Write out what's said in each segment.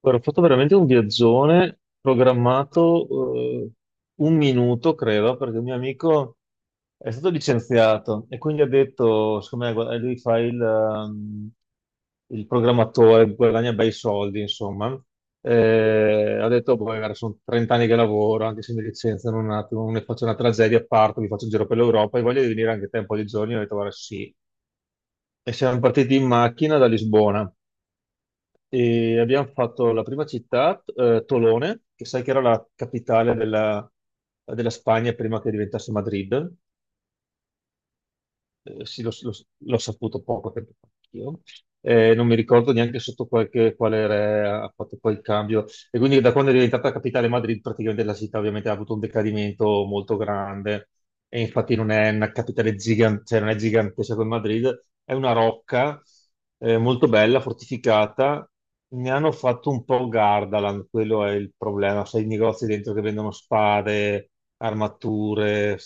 Guarda, ho fatto veramente un viaggione programmato un minuto, credo, perché un mio amico è stato licenziato e quindi ha detto, secondo me, guarda, lui fa il programmatore, guadagna bei soldi, insomma. Ha detto, boh, guarda, sono 30 anni che lavoro, anche se mi licenziano un attimo, non ne faccio una tragedia, parto, mi faccio un giro per l'Europa e voglio venire anche te un po' di giorni. Ho detto, guarda, sì. E siamo partiti in macchina da Lisbona e abbiamo fatto la prima città, Tolone, che sai che era la capitale della Spagna prima che diventasse Madrid. Eh, sì, l'ho saputo poco tempo fa anch'io. Non mi ricordo neanche sotto quale re ha fatto poi il cambio. E quindi da quando è diventata capitale Madrid, praticamente la città ovviamente ha avuto un decadimento molto grande. E infatti non è una capitale gigante, cioè non è gigantesca come Madrid, è una rocca molto bella, fortificata. Ne hanno fatto un po' Gardaland, quello è il problema. Sai, i negozi dentro che vendono spade, armature,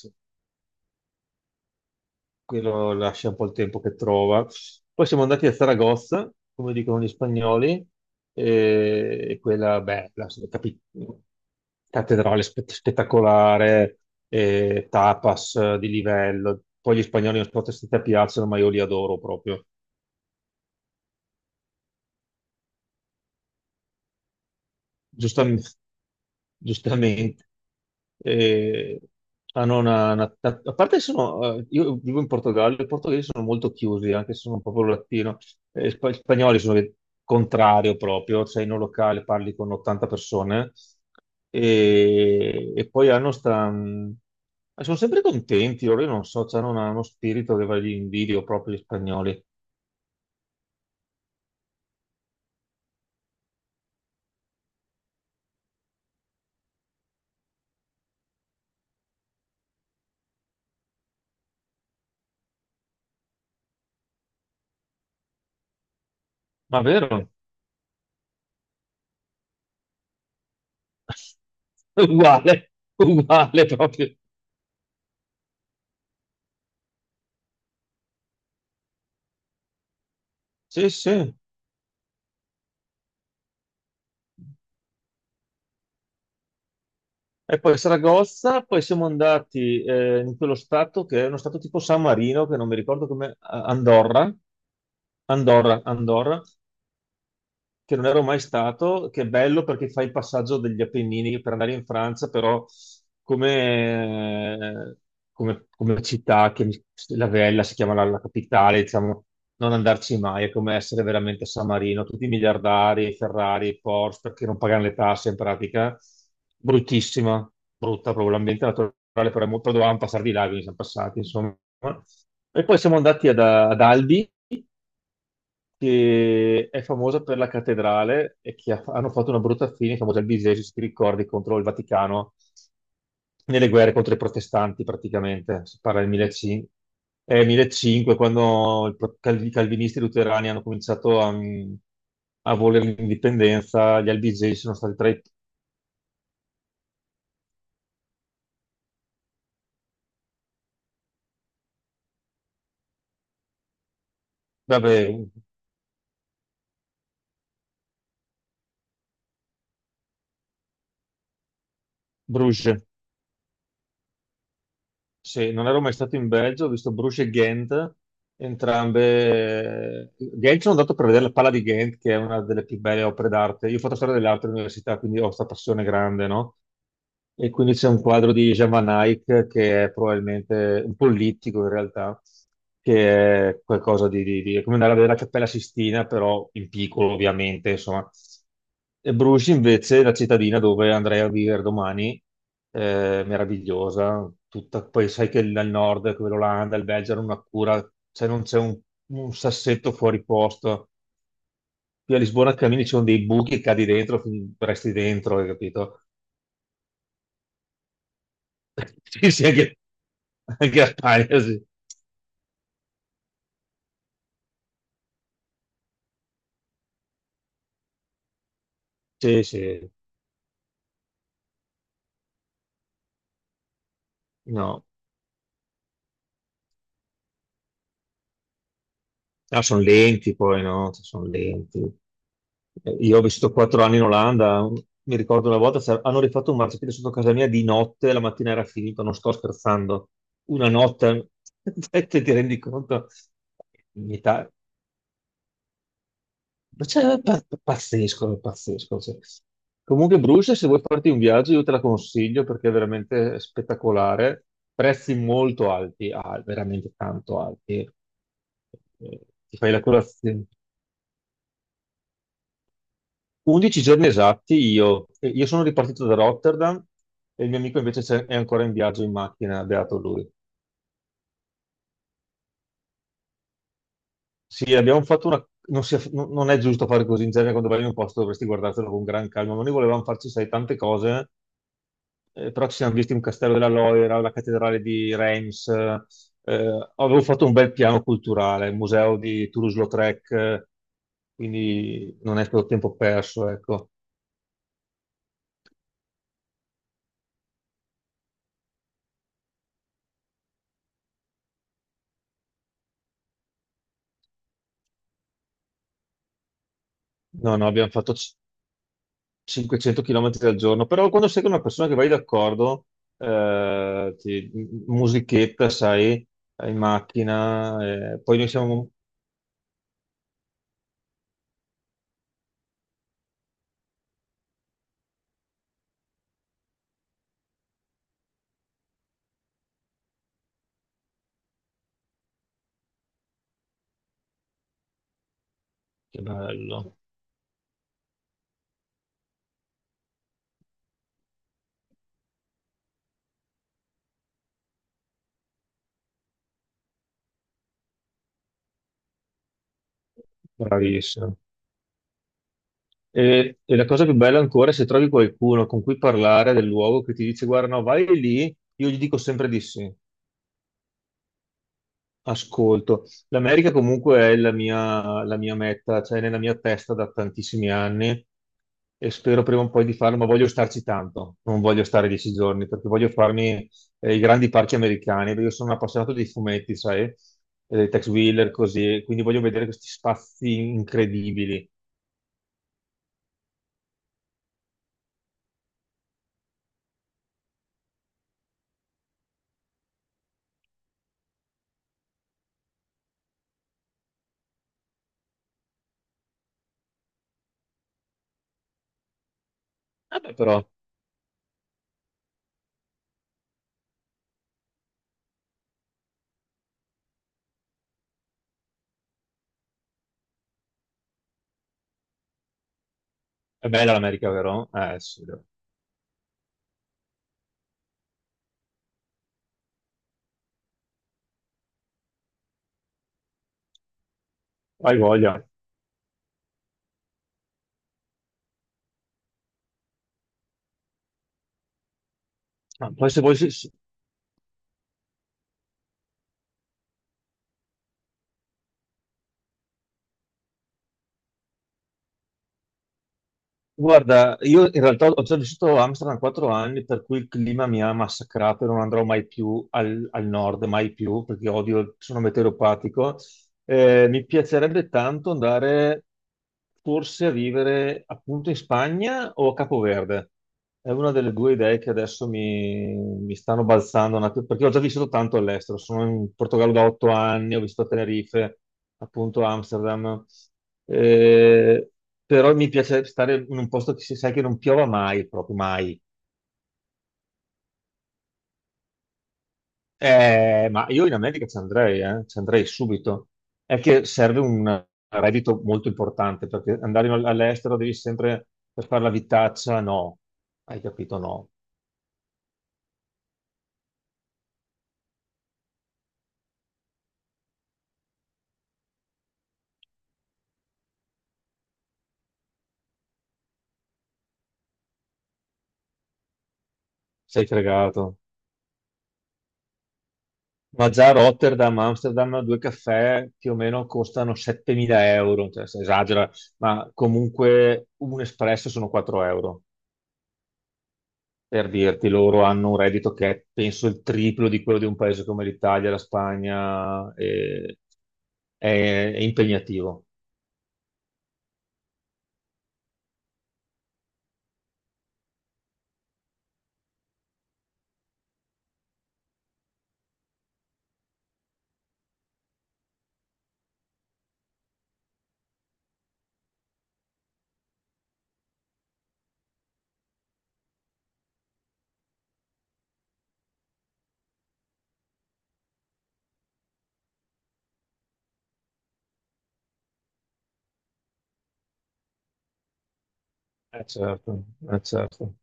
quello lascia un po' il tempo che trova. Poi siamo andati a Zaragoza, come dicono gli spagnoli, e quella, beh, la cattedrale spettacolare, e tapas di livello. Poi gli spagnoli non so se ti piacciono, ma io li adoro proprio. Giustamente, giustamente. Eh, Hanno una, a parte che sono, io vivo in Portogallo, i portoghesi sono molto chiusi, anche se sono proprio latino. Gli spagnoli sono il contrario proprio, cioè in un locale parli con 80 persone e, e poi hanno sta... mh, sono sempre contenti, loro io non so, cioè hanno uno spirito che va lì in video proprio gli spagnoli. Ma vero? Uguale, uguale proprio. Sì, sì. E poi Saragozza, poi siamo andati in quello stato che è uno stato tipo San Marino, che non mi ricordo come, Andorra, Andorra, Andorra, che non ero mai stato, che è bello perché fai il passaggio degli Appennini per andare in Francia, però come, come città, la Vella si chiama la, la capitale, diciamo, non andarci mai, è come essere veramente a San Marino, tutti i miliardari, Ferrari, Porsche, perché non pagano le tasse in pratica, bruttissima, brutta proprio l'ambiente naturale, però, però dovevamo passare di là, quindi siamo passati, insomma. E poi siamo andati ad Albi, che è famosa per la cattedrale e che hanno fatto una brutta fine, famosa al Bisesio, se ti ricordi, contro il Vaticano, nelle guerre contro i protestanti praticamente, si parla del 1500, 1500 quando i calvinisti luterani hanno cominciato a volere l'indipendenza, gli albigesi sono stati tra i... Vabbè, Bruges. Sì, non ero mai stato in Belgio, ho visto Bruges e Ghent, entrambe. Ghent, sono andato per vedere la Pala di Ghent, che è una delle più belle opere d'arte. Io ho fatto storia delle altre università, quindi ho questa passione grande, no? E quindi c'è un quadro di Jean Van Eyck, che è probabilmente un politico in realtà, che è qualcosa è come andare a vedere la Cappella Sistina, però in piccolo, ovviamente, insomma. E Bruges invece è la cittadina dove andrei a vivere domani, meravigliosa, tutta, poi sai che al nord, che l'Olanda, il Belgio hanno una cura, cioè non c'è un sassetto fuori posto. Qui a Lisbona cammini, ci sono dei buchi, e cadi dentro, resti dentro, hai capito? Sì, sì, anche, a Spagna, sì. Sì, sì, no. Ah, sono lenti poi, no? Sono lenti. Io ho vissuto 4 anni in Olanda, mi ricordo una volta hanno rifatto un marciapiede sotto casa mia di notte, la mattina era finito, non sto scherzando. Una notte, te ti rendi conto? In Italia- ma cioè, è pazzesco, è pazzesco, cioè. Comunque, Bruce, se vuoi farti un viaggio, io te la consiglio perché è veramente spettacolare. Prezzi molto alti, ah, veramente tanto alti. Eh, Ti fai la colazione. 11 giorni esatti io, e io sono ripartito da Rotterdam, e il mio amico invece è ancora in viaggio in macchina, beato lui. Sì, abbiamo fatto una... Non, non è giusto fare così, in genere quando vai in un posto dovresti guardartelo con gran calma, ma noi volevamo farci, sai, tante cose, però ci siamo visti un castello della Loira, la cattedrale di Reims, avevo fatto un bel piano culturale, il museo di Toulouse-Lautrec, quindi non è stato tempo perso, ecco. No, no, abbiamo fatto 500 km al giorno, però quando sei con una persona che vai d'accordo, eh, ti- musichetta, sai, in macchina, poi noi siamo... Che bello, bravissimo. E la cosa più bella ancora è se trovi qualcuno con cui parlare del luogo che ti dice, guarda, no, vai lì, io gli dico sempre di sì. Ascolto, l'America comunque è la mia meta, cioè nella mia testa da tantissimi anni e spero prima o poi di farlo, ma voglio starci tanto, non voglio stare 10 giorni perché voglio farmi i grandi parchi americani, perché io sono un appassionato di fumetti, sai, Tex Wheeler, così, quindi voglio vedere questi spazi incredibili. Vabbè, però è bella l'America, vero? Eh sì, dai. Hai voglia. Ma poi se vuoi, guarda, io in realtà ho già vissuto a Amsterdam 4 anni, per cui il clima mi ha massacrato e non andrò mai più al, al nord, mai più, perché odio, sono meteoropatico. Mi piacerebbe tanto andare forse a vivere appunto in Spagna o a Capoverde. È una delle due idee che adesso mi stanno balzando, un attimo, perché ho già vissuto tanto all'estero. Sono in Portogallo da 8 anni, ho vissuto a Tenerife, appunto Amsterdam. Eh, Però mi piace stare in un posto che si sai che non piova mai, proprio mai. Ma io in America ci andrei subito. È che serve un reddito molto importante, perché andare all'estero devi sempre per fare la vitaccia, no. Hai capito? No. Sei fregato. Ma già a Rotterdam, Amsterdam, due caffè più o meno costano 7.000 euro, cioè si esagera, ma comunque un espresso sono 4 euro. Per dirti, loro hanno un reddito che è penso il triplo di quello di un paese come l'Italia, la Spagna, è impegnativo. Certo, certo.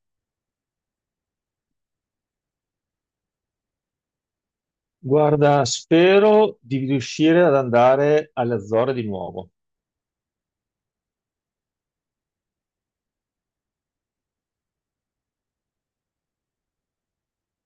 Guarda, spero di riuscire ad andare alle Azzorre di nuovo.